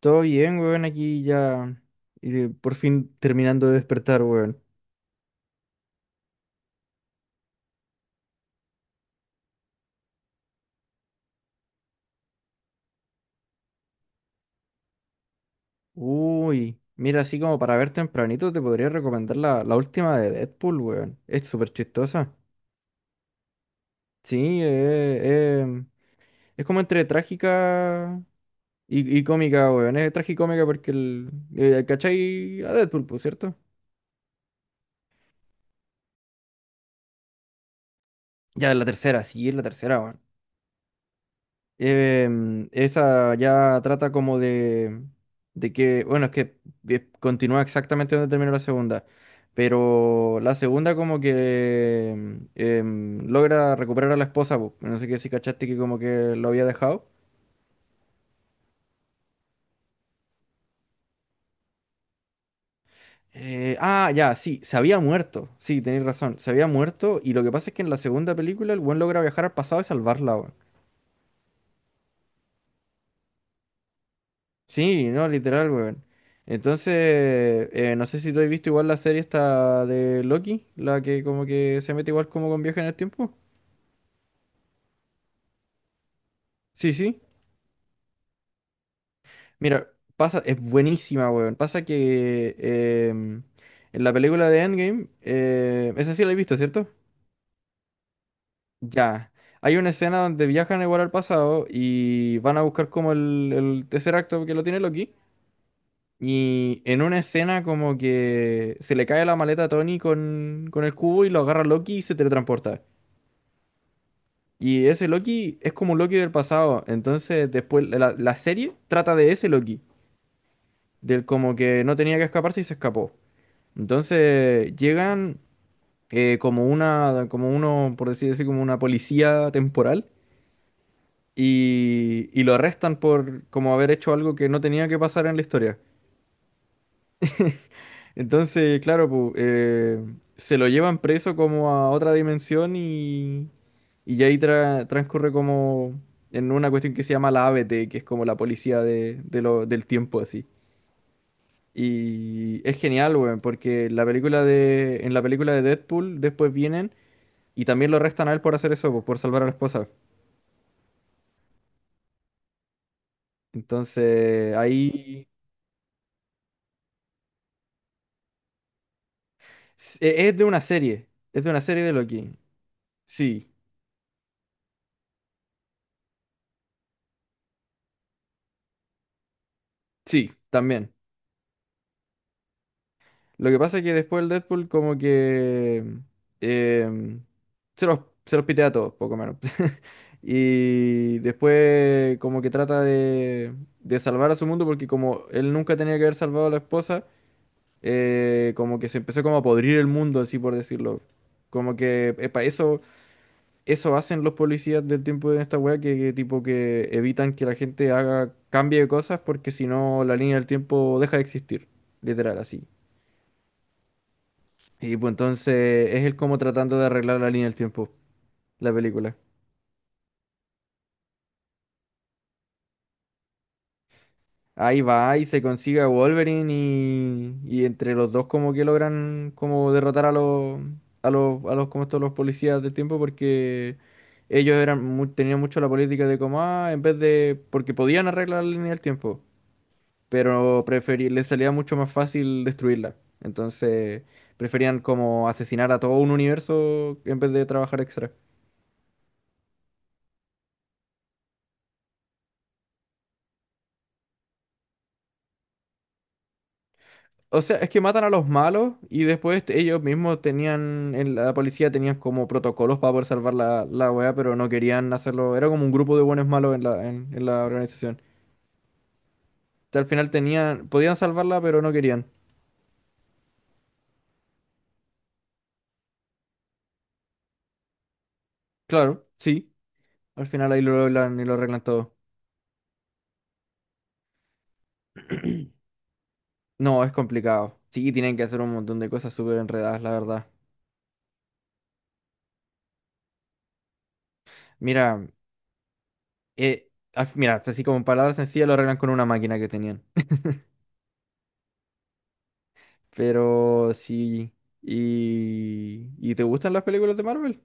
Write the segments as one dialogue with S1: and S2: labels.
S1: Todo bien, weón, aquí ya por fin terminando de despertar, weón. Uy, mira, así como para ver tempranito te podría recomendar la última de Deadpool, weón. Es súper chistosa. Sí, eh, mm, es como entre trágica y cómica, weón. Es tragicómica porque ¿cachai? A Deadpool, pues, ¿cierto? Ya, es la tercera, sí, es la tercera, weón. Em, esa ya trata como de que, bueno, es que continúa exactamente donde terminó la segunda, pero la segunda como que logra recuperar a la esposa, po. No sé qué si cachaste que como que lo había dejado. Ya, sí, se había muerto, sí, tenéis razón, se había muerto y lo que pasa es que en la segunda película el buen logra viajar al pasado y salvarla, weón. Sí, no, literal, weón. Entonces, no sé si tú has visto igual la serie esta de Loki, la que como que se mete igual como con viaje en el tiempo. Sí, sí. Mira, pasa, es buenísima, weón. Pasa que em, en la película de Endgame, esa sí la he visto, ¿cierto? Ya. Hay una escena donde viajan igual al pasado y van a buscar como el tercer acto que lo tiene Loki. Y en una escena como que se le cae la maleta a Tony con el cubo y lo agarra Loki y se teletransporta. Y ese Loki es como un Loki del pasado. Entonces después la serie trata de ese Loki. Del como que no tenía que escaparse y se escapó. Entonces llegan como una, como uno, por decir así, como una policía temporal. Y lo arrestan por como haber hecho algo que no tenía que pasar en la historia. Entonces, claro, pu, se lo llevan preso como a otra dimensión y ya ahí transcurre como en una cuestión que se llama la ABT, que es como la policía de del tiempo así. Y es genial, weón, porque en la película de Deadpool después vienen y también lo arrestan a él por hacer eso, pu, por salvar a la esposa. Entonces, ahí... Es de una serie, es de una serie de Loki. Sí, sí, también. Lo que pasa es que después el Deadpool como que em, se los, se los pitea a todos, poco menos. Y después como que trata de salvar a su mundo porque como él nunca tenía que haber salvado a la esposa, como que se empezó como a podrir el mundo, así por decirlo. Como que epa, eso hacen los policías del tiempo de esta wea, que tipo que evitan que la gente haga, cambie de cosas porque si no la línea del tiempo deja de existir, literal así. Y pues entonces es él como tratando de arreglar la línea del tiempo, la película. Ahí va y se consigue a Wolverine y entre los dos como que logran como derrotar a los a los como estos los policías del tiempo porque ellos eran tenían mucho la política de como ah, en vez de porque podían arreglar la línea del tiempo, pero preferí, les salía mucho más fácil destruirla. Entonces preferían como asesinar a todo un universo en vez de trabajar extra. O sea, es que matan a los malos y después ellos mismos tenían, en la policía tenían como protocolos para poder salvar la weá, pero no querían hacerlo. Era como un grupo de buenos malos en en la organización. O sea, al final tenían, podían salvarla, pero no querían. Claro, sí. Al final ahí lo hablan y lo arreglan todo. No, es complicado. Sí, tienen que hacer un montón de cosas súper enredadas, la verdad. Mira, mira, así como en palabras sencillas lo arreglan con una máquina que tenían. Pero sí. ¿Y te gustan las películas de Marvel?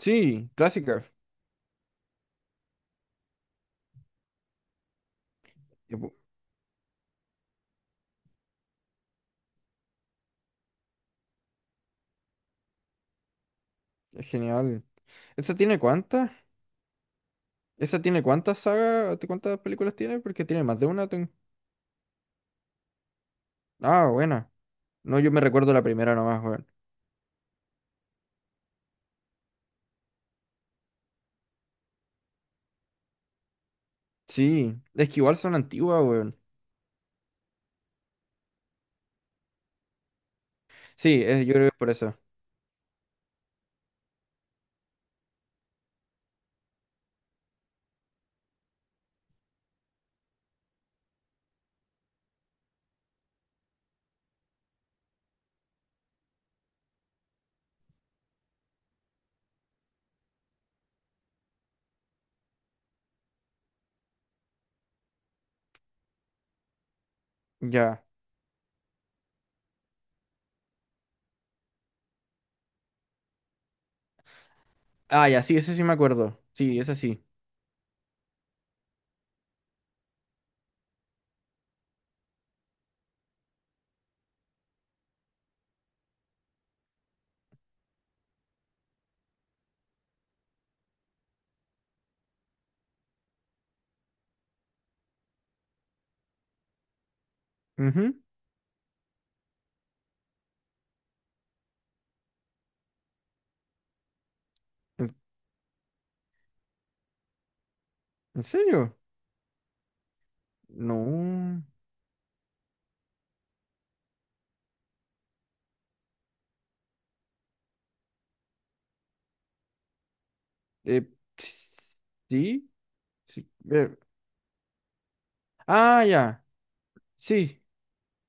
S1: Sí, clásica. Y pu- Es genial. ¿Esa tiene cuántas? ¿Esa tiene cuántas sagas? ¿Cuántas películas tiene? Porque tiene más de una. Ah, buena. No, yo me recuerdo la primera nomás, weón. Sí, es que igual son antiguas, weón. Sí, yo creo que es por eso. Ya. Ah, ya, sí, ese sí me acuerdo. Sí, esa sí. Ujú. ¿En, en serio? No. Eh, ps- sí. Sí. Ah, ya. Sí.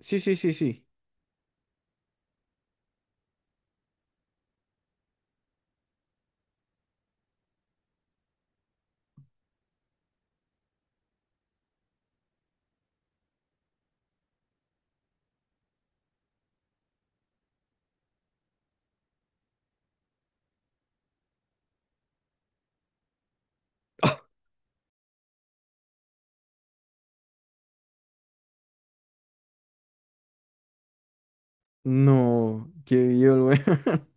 S1: Sí, sí, sí, sí. No, qué viol, weón.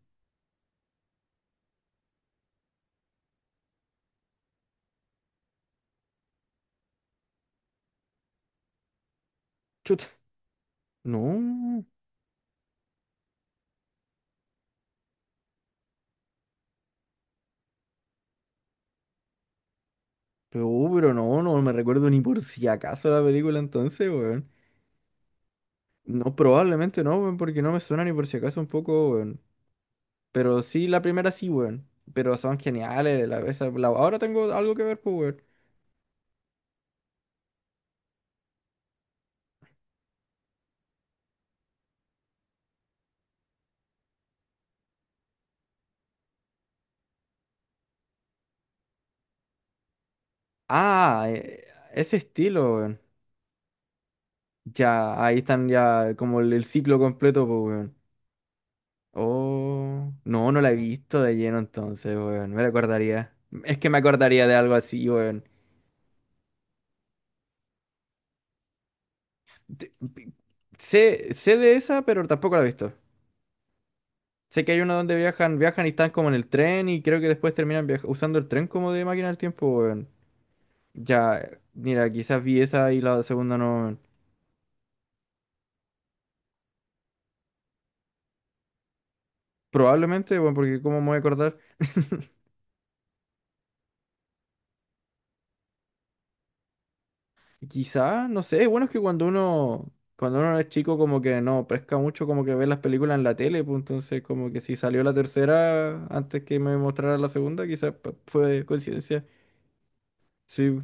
S1: Chuta, no, pero no, no me recuerdo ni por si acaso la película entonces, weón. No, probablemente no, weón, porque no me suena ni por si acaso un poco, weón. Pero sí, la primera sí, weón. Pero son geniales, ahora tengo algo que ver, pues, weón. Ah, eh, ese estilo, weón. Ya, ahí están ya como el ciclo completo, pues, weón. Oh, no, no la he visto de lleno entonces, weón. Me recordaría. Es que me acordaría de algo así, weón. te- pi- Sé, sé de esa, pero tampoco la he visto. Sé que hay una donde viajan y están como en el tren y creo que después terminan usando el tren como de máquina del tiempo, weón. Ya, mira, quizás vi esa y la segunda no, weón. Probablemente, bueno, porque cómo me voy a acordar. Quizás, no sé, bueno, es bueno que cuando uno es chico como que no pesca mucho, como que ve las películas en la tele, pues entonces como que si salió la tercera antes que me mostrara la segunda, fue coincidencia. Sí,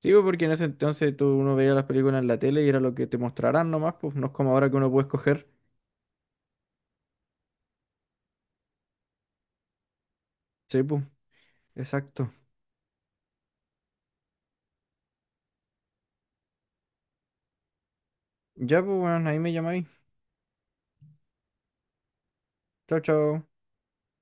S1: sí, pues, porque en ese entonces tú uno veía las películas en la tele y era lo que te mostrarán nomás, pues no es como ahora que uno puede escoger. Sí, pues, exacto. Ya, pues, bueno, ahí me llamáis. Chao, chao.